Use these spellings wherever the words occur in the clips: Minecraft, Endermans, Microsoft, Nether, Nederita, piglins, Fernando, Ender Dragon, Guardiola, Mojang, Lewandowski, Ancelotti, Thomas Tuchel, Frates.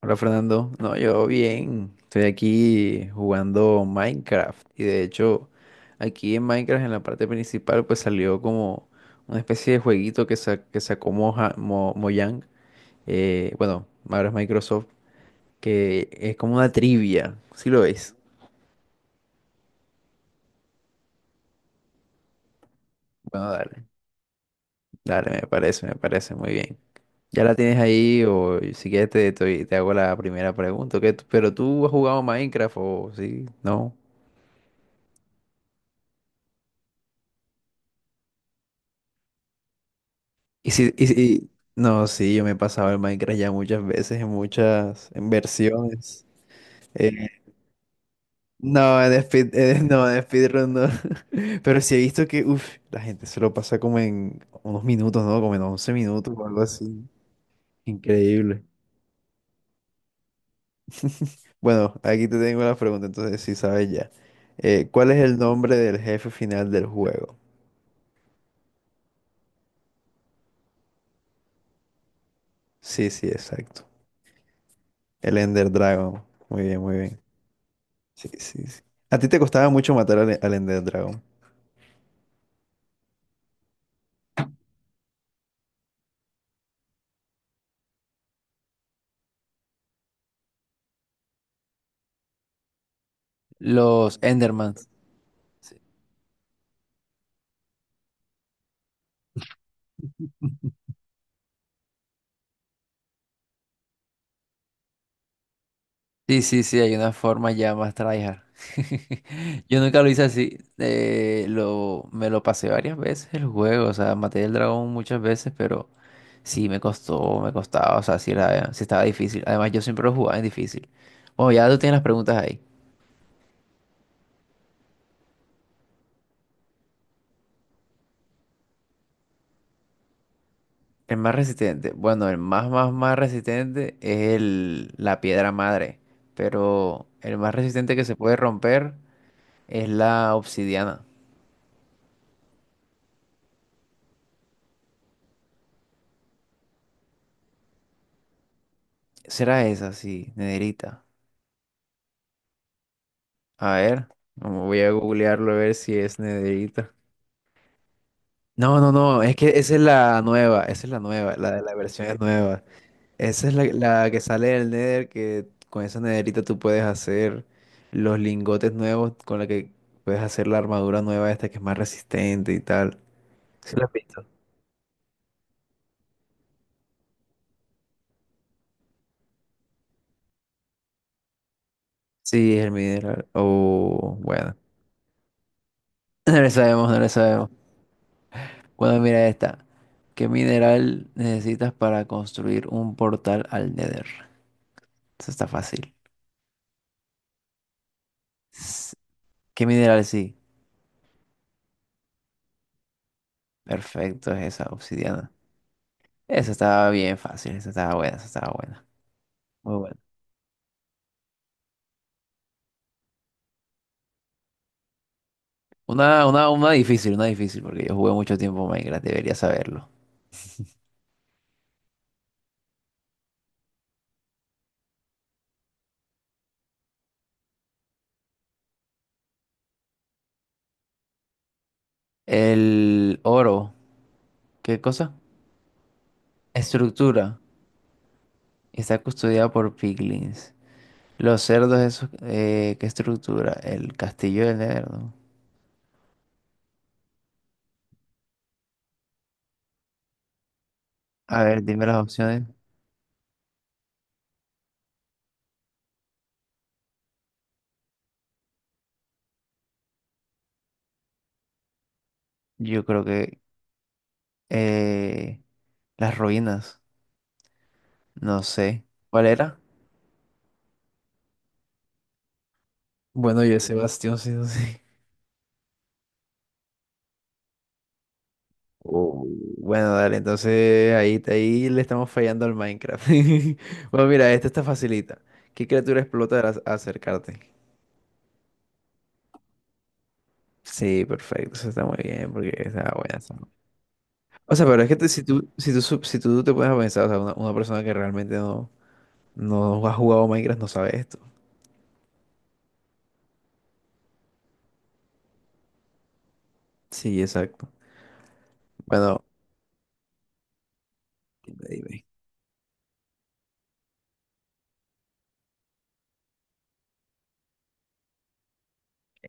Hola Fernando, no, yo bien, estoy aquí jugando Minecraft y de hecho aquí en Minecraft en la parte principal pues salió como una especie de jueguito que, que sacó Mojang, bueno, ahora es Microsoft, que es como una trivia, ¿si lo ves? Bueno, dale, dale, me parece muy bien. ¿Ya la tienes ahí o si quieres te hago la primera pregunta? ¿Pero tú has jugado Minecraft o sí? ¿No? Y si, y si- no, sí, yo me he pasado el Minecraft ya muchas veces, en muchas, en versiones. Eh, no, no, en speedrun no. Pero sí he visto que, uff, la gente se lo pasa como en unos minutos, ¿no? Como en 11 minutos o algo así. Increíble. Bueno, aquí te tengo la pregunta, entonces sí sabes ya. ¿Cuál es el nombre del jefe final del juego? Sí, sí, exacto. El Ender Dragon. Muy bien, muy bien. Sí, sí, sí. ¿A ti te costaba mucho matar al Ender Dragon? Los Endermans. Sí, sí, sí, hay una forma ya más tryhard. Yo nunca lo hice así. Me lo pasé varias veces el juego. O sea, maté el dragón muchas veces, pero sí me costó, me costaba. O sea, sí, era, sí estaba difícil. Además, yo siempre lo jugaba en difícil. Bueno, ya tú tienes las preguntas ahí. El más resistente. Bueno, el más, más, más resistente es el, la piedra madre. Pero el más resistente que se puede romper es la obsidiana. Será esa, sí, Nederita. A ver, vamos, voy a googlearlo a ver si es Nederita. No, no, no, es que esa es la nueva, esa es la nueva, la de la versión es nueva. Esa es la que sale del Nether, que con esa Nederita tú puedes hacer los lingotes nuevos con la que puedes hacer la armadura nueva esta que es más resistente y tal. ¿Sí lo has visto? Sí, es el mineral. Oh, bueno. No le sabemos, no le sabemos. Bueno, mira esta. ¿Qué mineral necesitas para construir un portal al Nether? Eso está fácil. S- ¿Qué mineral sí? Perfecto, es esa obsidiana. Esa estaba bien fácil, esa estaba buena, esa estaba buena. Muy buena. Una difícil, una difícil, porque yo jugué mucho tiempo Minecraft, debería saberlo. El oro, ¿qué cosa? Estructura. Está custodiada por piglins. Los cerdos, esos, ¿qué estructura? El castillo del Nether, ¿no? A ver, dime las opciones. Yo creo que eh, las ruinas, no sé. ¿Cuál era? Bueno, yo ese bastión, sí, no sé. Oh, bueno, dale, entonces ahí, ahí le estamos fallando al Minecraft. Bueno, mira, esta está facilita. ¿Qué criatura explota al acercarte? Sí, perfecto, eso está muy bien, porque está buena, esa. O sea, pero es que si tú te puedes a pensar, o sea, una persona que realmente no, no ha jugado Minecraft no sabe esto. Sí, exacto. Bueno, dime, dime.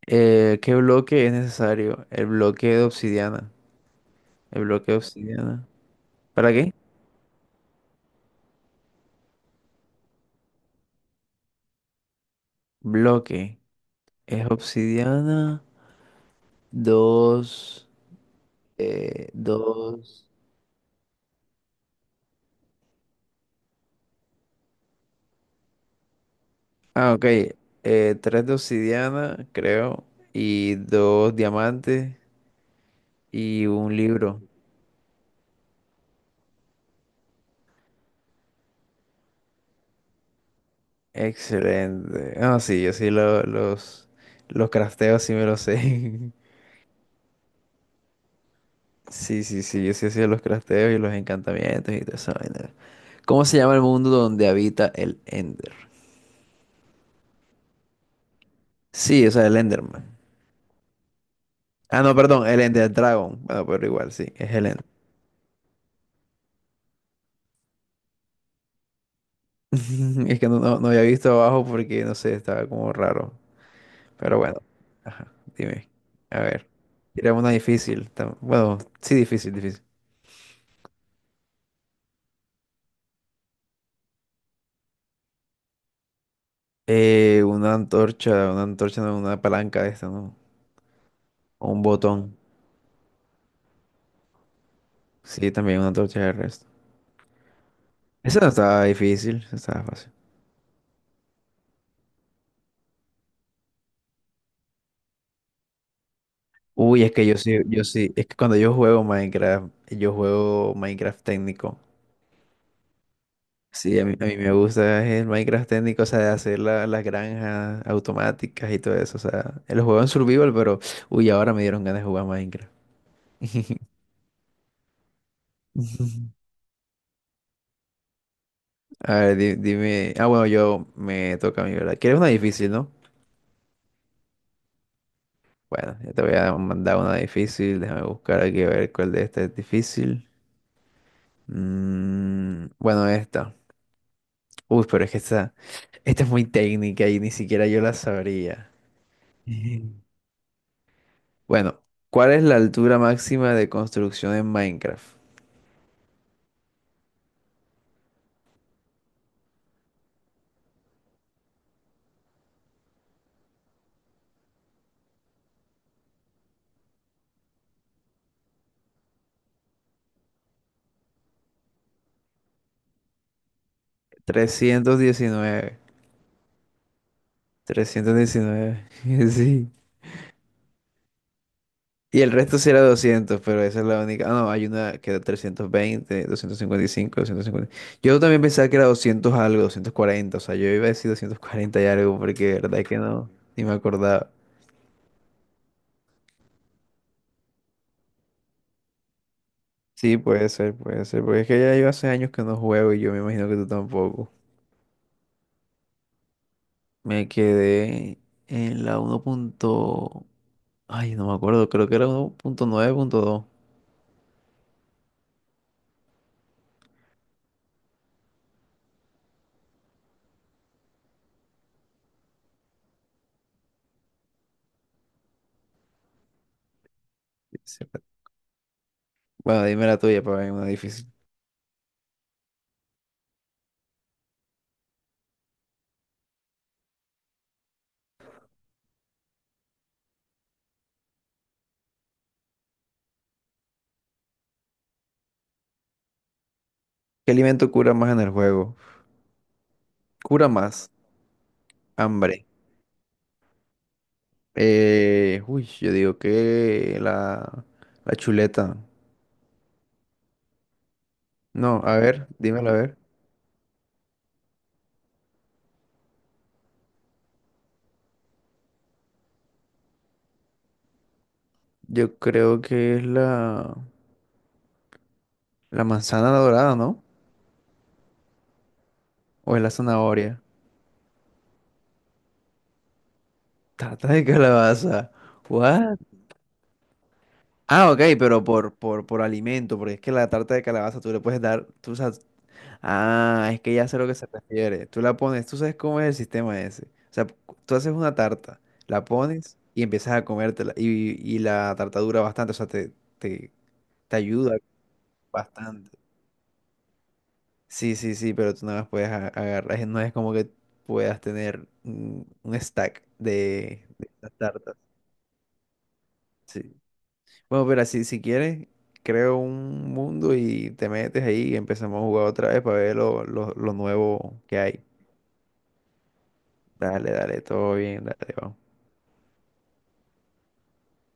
¿Qué bloque es necesario? El bloque de obsidiana. El bloque de obsidiana. ¿Para qué? Bloque. Es obsidiana. Dos. Dos. Ah, ok. Tres de obsidiana, creo. Y dos diamantes. Y un libro. Excelente. Ah, sí, yo sí lo- los crafteos, sí me los sé. Sí, sí, sí, yo sí hacía los crafteos y los encantamientos y toda esa vaina. ¿Cómo se llama el mundo donde habita el Ender? Sí, o sea, el Enderman. Ah, no, perdón, el Ender Dragon. Bueno, pero igual, sí, es el Ender. Es que no, no, no había visto abajo porque, no sé, estaba como raro. Pero bueno, ajá, dime. A ver, era una difícil. Bueno, sí, difícil, difícil. Una antorcha, no, una palanca de esta, ¿no? O un botón. Sí, también una antorcha de resto. Esa no estaba difícil, esa estaba fácil. Uy, es que yo sí, es que cuando yo juego Minecraft técnico. Sí, a mí me gusta el Minecraft técnico, o sea, de hacer las granjas automáticas y todo eso. O sea, lo juego en survival, pero uy, ahora me dieron ganas de jugar Minecraft. A ver, dime. Ah, bueno, yo me toca a mí, ¿verdad? ¿Quieres una difícil, no? Bueno, yo te voy a mandar una difícil. Déjame buscar aquí a ver cuál de estas es difícil. Mm, bueno, esta. Uy, pero es que esta es muy técnica y ni siquiera yo la sabría. Ujú. Bueno, ¿cuál es la altura máxima de construcción en Minecraft? 319, 319, Sí. Y el resto sí era 200, pero esa es la única. Ah, no, hay una que era 320, 255, 250. Yo también pensaba que era 200 algo, 240. O sea, yo iba a decir 240 y algo porque de verdad que no, ni me acordaba. Sí, puede ser, porque es que ya yo hace años que no juego y yo me imagino que tú tampoco. Me quedé en la uno punto- Ay, no me acuerdo, creo que era 1.9.2. Sí. Bueno, dime la tuya para ver una difícil. ¿Qué alimento cura más en el juego? Cura más, hambre. Uy, yo digo que la chuleta. No, a ver, dímelo a ver. Yo creo que es la manzana dorada, ¿no? O es la zanahoria. Tarta de calabaza. What? Ah, ok, pero por alimento, porque es que la tarta de calabaza tú le puedes dar, tú sabes, ah, es que ya sé a lo que se refiere. Tú la pones, tú sabes cómo es el sistema ese. O sea, tú haces una tarta, la pones y empiezas a comértela. Y la tarta dura bastante, o sea, te, te ayuda bastante. Sí, sí, sí, pero tú no las puedes agarrar. No es como que puedas tener un stack de estas tartas. Sí. Bueno, pero así, si quieres, creo un mundo y te metes ahí y empezamos a jugar otra vez para ver lo nuevo que hay. Dale, dale, todo bien, dale, vamos.